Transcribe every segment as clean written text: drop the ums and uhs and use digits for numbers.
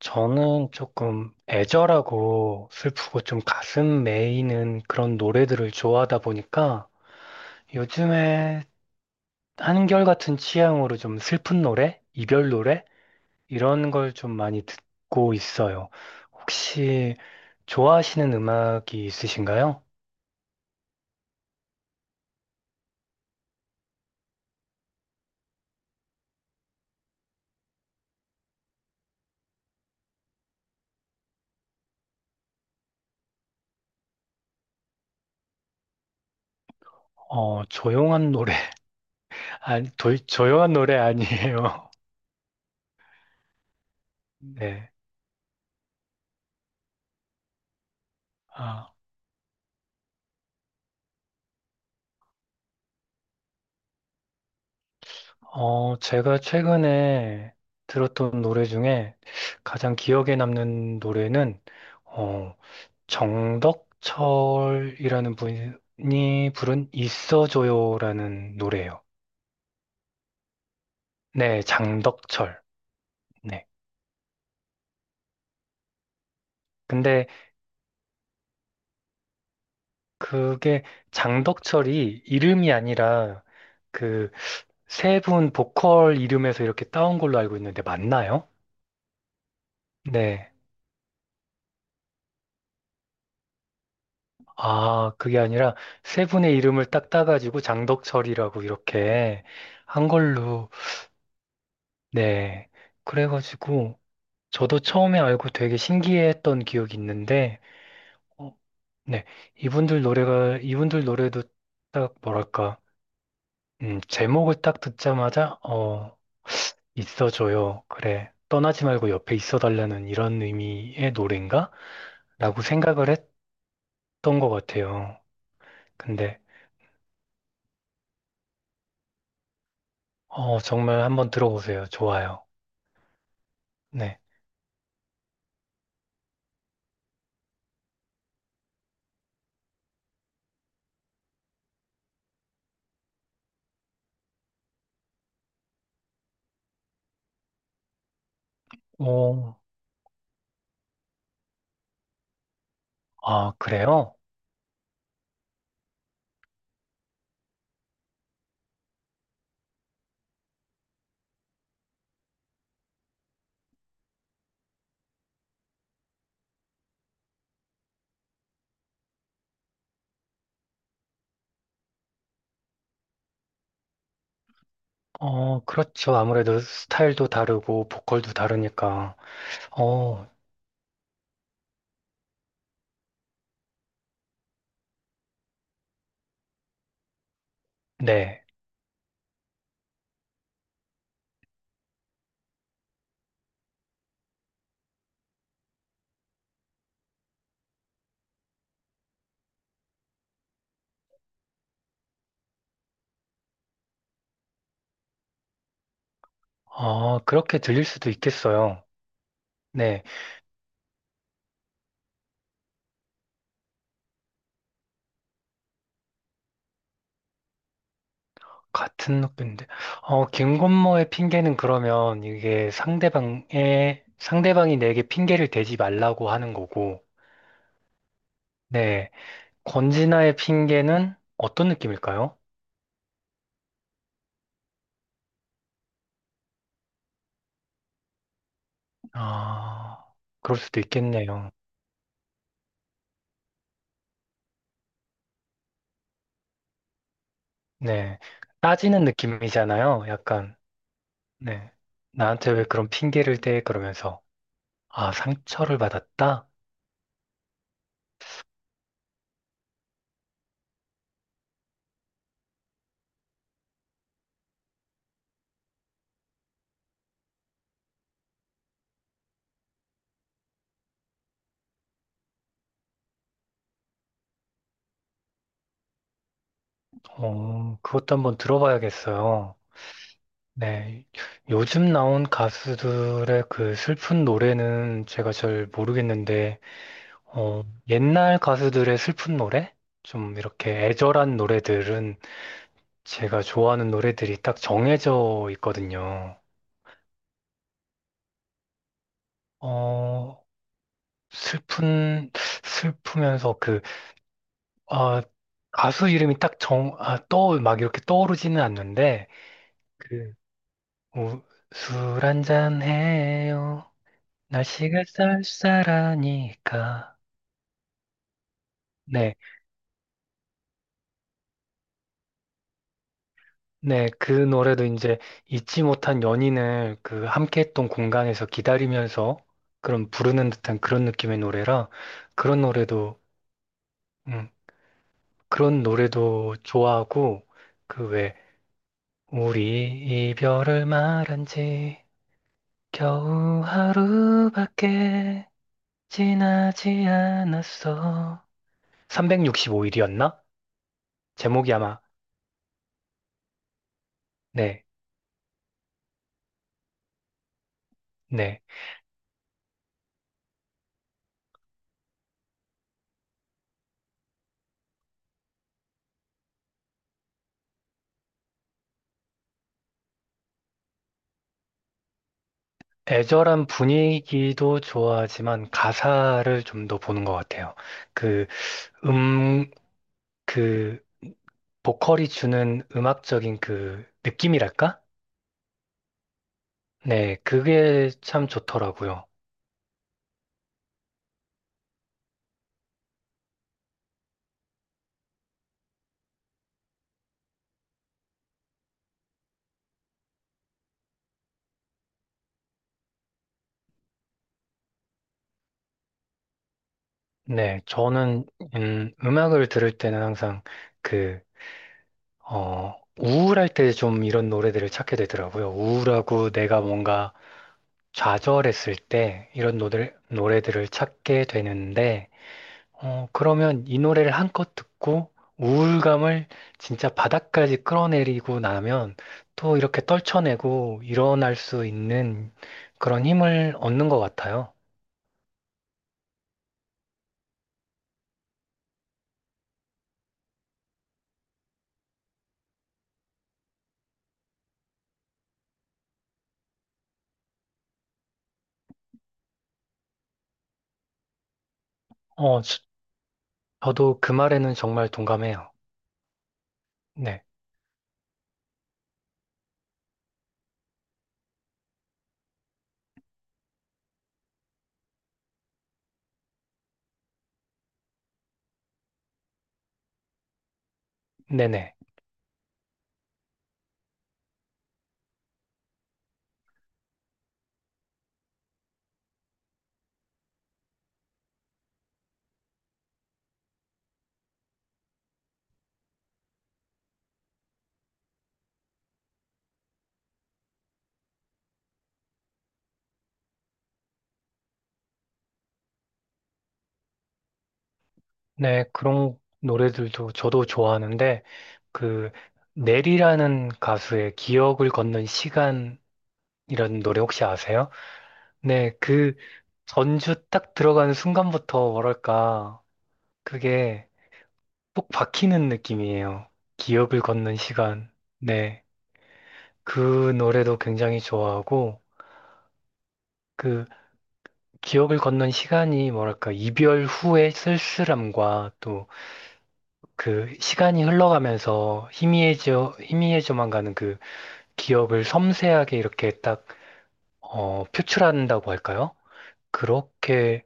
저는 조금 애절하고 슬프고 좀 가슴 메이는 그런 노래들을 좋아하다 보니까 요즘에 한결같은 취향으로 좀 슬픈 노래, 이별 노래 이런 걸 좀 많이 듣고 있어요. 혹시 좋아하시는 음악이 있으신가요? 조용한 노래. 아니, 조용한 노래 아니에요. 네. 아. 제가 최근에 들었던 노래 중에 가장 기억에 남는 노래는 어, 정덕철이라는 분이 부른 있어줘요라는 노래예요. 네, 장덕철. 네. 근데 그게 장덕철이 이름이 아니라 그 세 분 보컬 이름에서 이렇게 따온 걸로 알고 있는데 맞나요? 네. 아, 그게 아니라 세 분의 이름을 딱 따가지고 장덕철이라고 이렇게 한 걸로, 네. 그래가지고 저도 처음에 알고 되게 신기했던 기억이 있는데, 어, 네. 이분들 노래가, 이분들 노래도 딱 뭐랄까, 제목을 딱 듣자마자, 어, 있어줘요. 그래. 떠나지 말고 옆에 있어달라는 이런 의미의 노래인가? 라고 생각을 했던 것 같아요. 근데, 어, 정말 한번 들어보세요. 좋아요. 네. 어, 아, 그래요? 어, 그렇죠. 아무래도 스타일도 다르고 보컬도 다르니까. 어, 네. 아, 그렇게 들릴 수도 있겠어요. 네. 같은 느낌인데. 어, 김건모의 핑계는 그러면 이게 상대방의, 상대방이 내게 핑계를 대지 말라고 하는 거고. 네. 권진아의 핑계는 어떤 느낌일까요? 아, 그럴 수도 있겠네요. 네. 따지는 느낌이잖아요. 약간. 네. 나한테 왜 그런 핑계를 대? 그러면서, 아, 상처를 받았다? 어, 그것도 한번 들어봐야겠어요. 네. 요즘 나온 가수들의 그 슬픈 노래는 제가 잘 모르겠는데, 어, 옛날 가수들의 슬픈 노래? 좀 이렇게 애절한 노래들은 제가 좋아하는 노래들이 딱 정해져 있거든요. 어, 슬픈, 슬프면서 그 아, 가수 이름이 딱 정, 아, 떠, 막 이렇게 떠오르지는 않는데, 그, 뭐, 술 한잔 해요. 날씨가 쌀쌀하니까. 네, 네, 그 노래도 이제 잊지 못한 연인을 그 함께 했던 공간에서 기다리면서 그런 부르는 듯한 그런 느낌의 노래라, 그런 노래도, 음, 그런 노래도 좋아하고, 그 왜, 우리 이별을 말한 지 겨우 하루밖에 지나지 않았어. 365일이었나? 제목이 아마, 네, 네. 애절한 분위기도 좋아하지만 가사를 좀 더 보는 것 같아요. 그, 음, 그, 보컬이 주는 음악적인 그 느낌이랄까? 네, 그게 참 좋더라고요. 네, 저는, 음악을 들을 때는 항상 그, 어, 우울할 때 좀 이런 노래들을 찾게 되더라고요. 우울하고 내가 뭔가 좌절했을 때 이런 노래들을 찾게 되는데, 어, 그러면 이 노래를 한껏 듣고 우울감을 진짜 바닥까지 끌어내리고 나면 또 이렇게 떨쳐내고 일어날 수 있는 그런 힘을 얻는 것 같아요. 어, 저, 저도 그 말에는 정말 동감해요. 네, 네네. 네, 그런 노래들도 저도 좋아하는데, 그 넬이라는 가수의 기억을 걷는 시간이라는 노래 혹시 아세요? 네, 그 전주 딱 들어가는 순간부터 뭐랄까 그게 쏙 박히는 느낌이에요. 기억을 걷는 시간. 네, 그 노래도 굉장히 좋아하고 그 기억을 걷는 시간이 뭐랄까 이별 후의 쓸쓸함과 또 그 시간이 흘러가면서 희미해져만 가는 그 기억을 섬세하게 이렇게 딱 어, 표출한다고 할까요? 그렇게,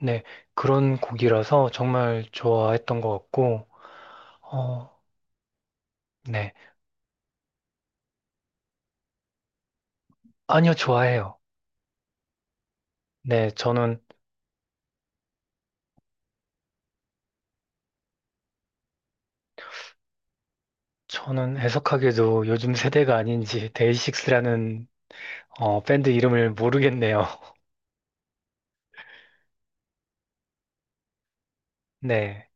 네, 그런 곡이라서 정말 좋아했던 것 같고, 어, 네. 아니요, 좋아해요. 네, 저는, 저는 애석하게도 요즘 세대가 아닌지 데이식스라는, 어, 밴드 이름을 모르겠네요. 네.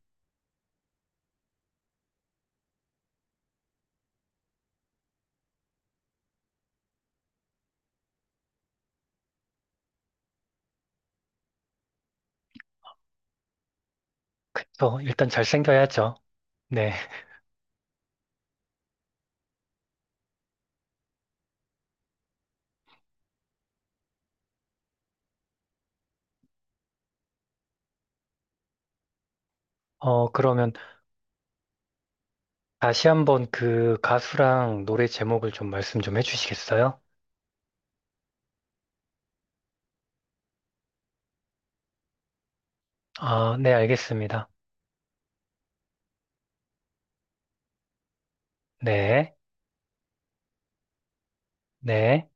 어, 일단 잘생겨야죠. 네. 어, 그러면 다시 한번 그 가수랑 노래 제목을 좀 말씀 좀 해주시겠어요? 아, 네, 알겠습니다. 네. 네.